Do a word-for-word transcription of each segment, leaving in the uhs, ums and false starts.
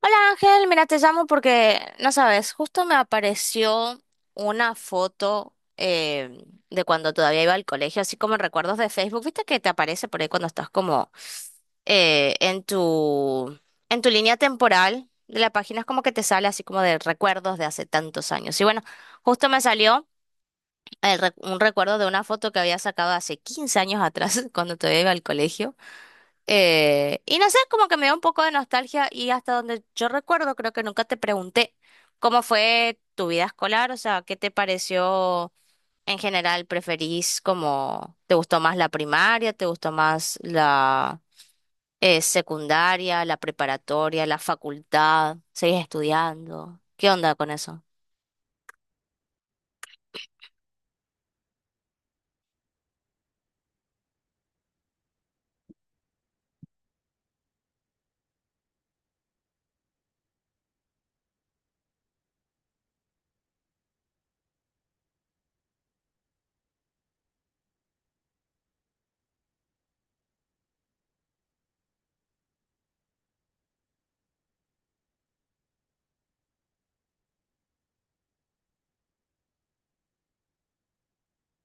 Hola Ángel, mira, te llamo porque, no sabes, justo me apareció una foto eh, de cuando todavía iba al colegio, así como en recuerdos de Facebook. ¿Viste que te aparece por ahí cuando estás como eh, en tu, en tu línea temporal de la página? Es como que te sale así como de recuerdos de hace tantos años. Y bueno, justo me salió el recu- un recuerdo de una foto que había sacado hace quince años atrás, cuando todavía iba al colegio. Eh, y no sé, como que me da un poco de nostalgia y hasta donde yo recuerdo, creo que nunca te pregunté cómo fue tu vida escolar, o sea, ¿qué te pareció en general? ¿Preferís como, te gustó más la primaria, te gustó más la eh, secundaria, la preparatoria, la facultad? ¿Seguís estudiando? ¿Qué onda con eso?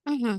Ujú.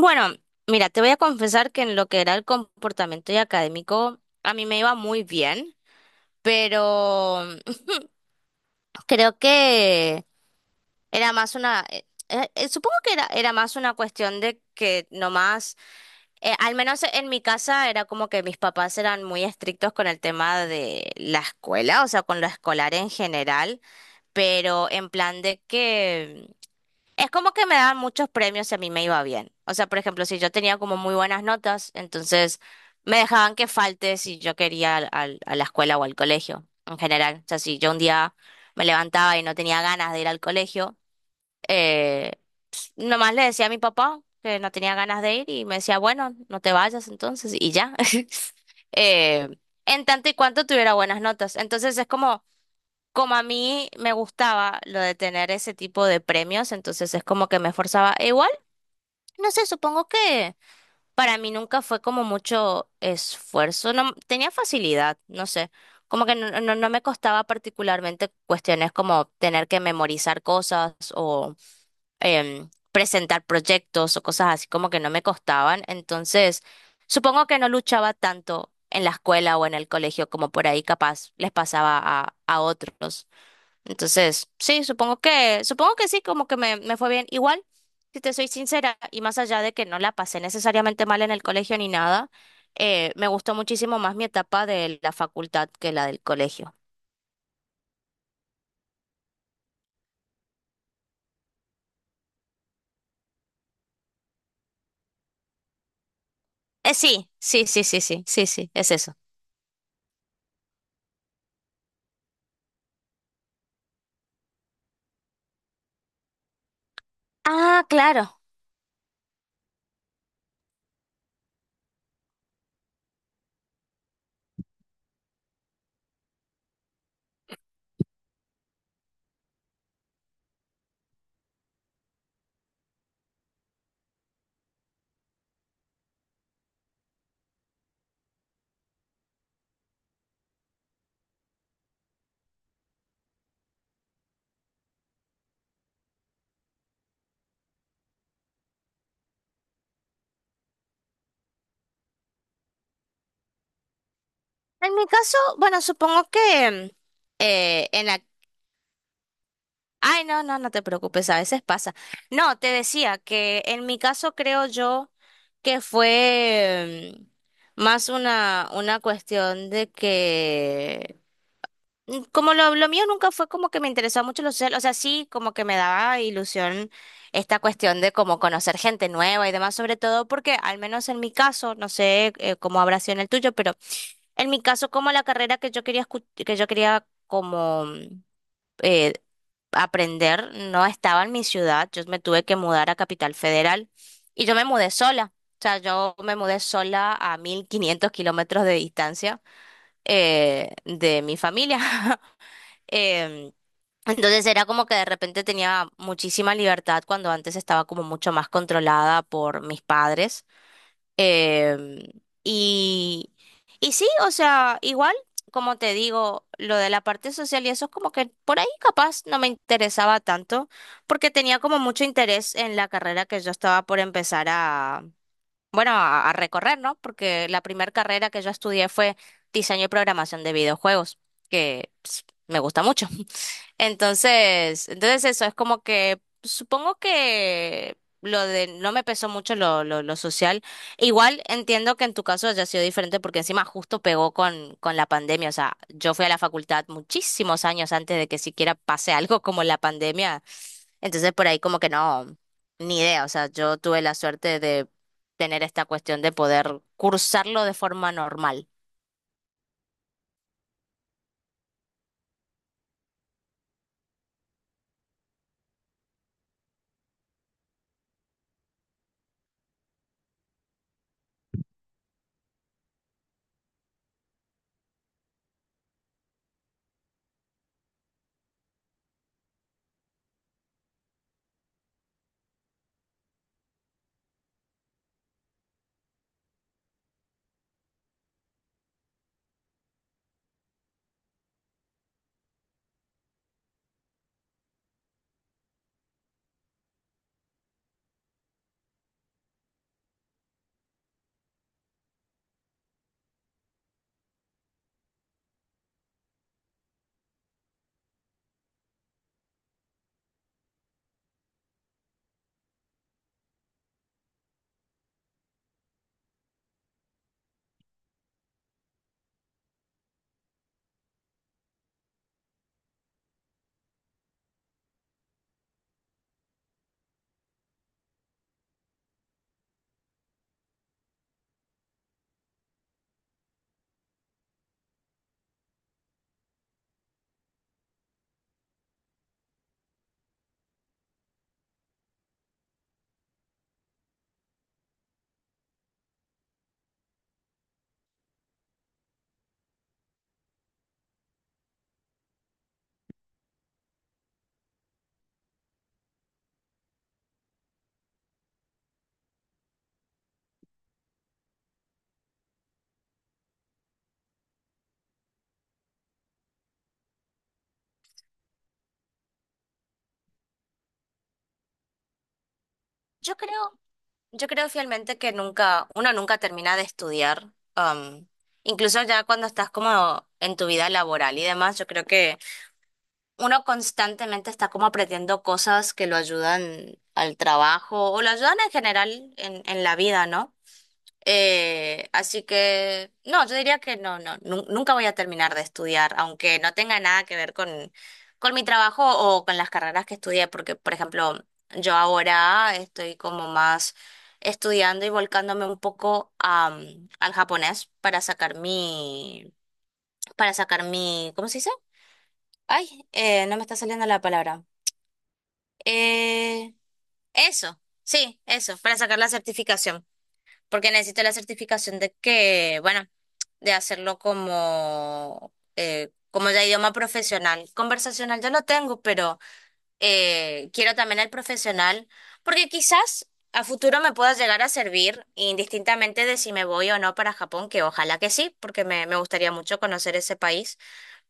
Bueno, mira, te voy a confesar que en lo que era el comportamiento y académico, a mí me iba muy bien, pero creo que era más una, eh, eh, eh, supongo que era, era más una cuestión de que nomás, eh, al menos en mi casa era como que mis papás eran muy estrictos con el tema de la escuela, o sea, con lo escolar en general, pero en plan de que... Es como que me daban muchos premios si a mí me iba bien. O sea, por ejemplo, si yo tenía como muy buenas notas, entonces me dejaban que falte si yo quería al- al- a la escuela o al colegio en general. O sea, si yo un día me levantaba y no tenía ganas de ir al colegio, eh, nomás le decía a mi papá que no tenía ganas de ir y me decía, bueno, no te vayas entonces y ya. Eh, en tanto y cuanto tuviera buenas notas. Entonces es como como a mí me gustaba lo de tener ese tipo de premios, entonces es como que me esforzaba. E igual, no sé, supongo que para mí nunca fue como mucho esfuerzo, no tenía facilidad, no sé. Como que no, no, no me costaba particularmente cuestiones como tener que memorizar cosas o em, presentar proyectos o cosas así como que no me costaban. Entonces, supongo que no luchaba tanto en la escuela o en el colegio como por ahí capaz les pasaba a, a otros. Entonces, sí, supongo que, supongo que sí, como que me, me fue bien. Igual, si te soy sincera, y más allá de que no la pasé necesariamente mal en el colegio ni nada, eh, me gustó muchísimo más mi etapa de la facultad que la del colegio. Eh, sí, sí, sí, sí, sí, sí, sí, es eso. Ah, claro. En mi caso, bueno, supongo que mm, eh, en... Ay, no, no, no te preocupes, a veces pasa. No, te decía que en mi caso creo yo que fue mm, más una, una cuestión de que, mm, como lo, lo mío nunca fue como que me interesaba mucho lo social, o sea, sí, como que me daba ilusión esta cuestión de como conocer gente nueva y demás, sobre todo porque al menos en mi caso, no sé eh, cómo habrá sido en el tuyo, pero en mi caso como la carrera que yo quería escu- que yo quería como mm, eh, aprender no estaba en mi ciudad, yo me tuve que mudar a Capital Federal y yo me mudé sola, o sea, yo me mudé sola a mil quinientos kilómetros de distancia eh, de mi familia. Em, entonces era como que de repente tenía muchísima libertad cuando antes estaba como mucho más controlada por mis padres. Em, y, y sí, o sea, igual, como te digo, lo de la parte social y eso es como que por ahí capaz no me interesaba tanto, porque tenía como mucho interés en la carrera que yo estaba por empezar a, bueno, a, a recorrer, ¿no? Porque la primera carrera que yo estudié fue diseño y programación de videojuegos, que pues, me gusta mucho. Entonces, entonces eso es como que supongo que lo de no me pesó mucho lo, lo, lo social. Igual entiendo que en tu caso haya sido diferente porque encima justo pegó con, con la pandemia. O sea, yo fui a la facultad muchísimos años antes de que siquiera pase algo como la pandemia. Entonces por ahí como que no, ni idea. O sea, yo tuve la suerte de tener esta cuestión de poder cursarlo de forma normal. Yo creo Yo creo fielmente que nunca, uno nunca termina de estudiar. am, Incluso ya cuando estás como en tu vida laboral y demás, yo creo que uno constantemente está como aprendiendo cosas que lo ayudan al trabajo o lo ayudan en general en, en la vida, ¿no? Eh, así que no, yo diría que no, no, nu- nunca voy a terminar de estudiar, aunque no tenga nada que ver con, con mi trabajo o con las carreras que estudié, porque, por ejemplo, yo ahora estoy como más estudiando y volcándome un poco a, mm, al japonés para sacar mi, para sacar mi, ¿cómo se dice? Ay, eh, no me está saliendo la palabra. Eh, Eso, sí, eso, para sacar la certificación. Porque necesito la certificación de que, bueno, de hacerlo como, eh, como ya idioma profesional. Conversacional ya lo tengo, pero eh, quiero también el profesional, porque quizás a futuro me pueda llegar a servir, indistintamente de si me voy o no para Japón, que ojalá que sí, porque me, me gustaría mucho conocer ese país.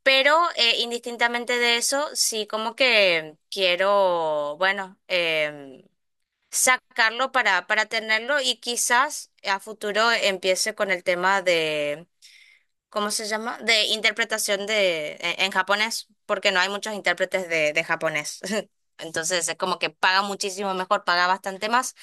Pero eh, indistintamente de eso, sí como que quiero, bueno, em, sacarlo para, para tenerlo y quizás a futuro empiece con el tema de, ¿cómo se llama? De interpretación de, en, en japonés, porque no hay muchos intérpretes de, de japonés. Entonces es como que paga muchísimo mejor, paga bastante más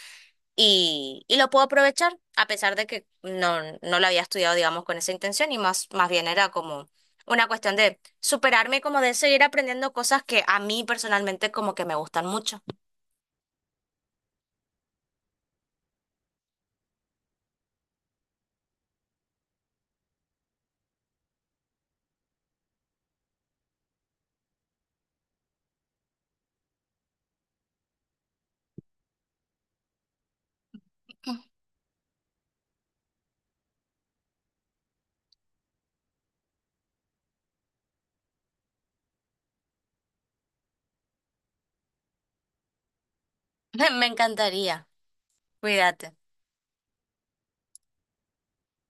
y, y lo puedo aprovechar, a pesar de que no, no lo había estudiado, digamos, con esa intención y más, más bien era como una cuestión de superarme, y como de seguir aprendiendo cosas que a mí personalmente como que me gustan mucho. Me encantaría. Cuídate.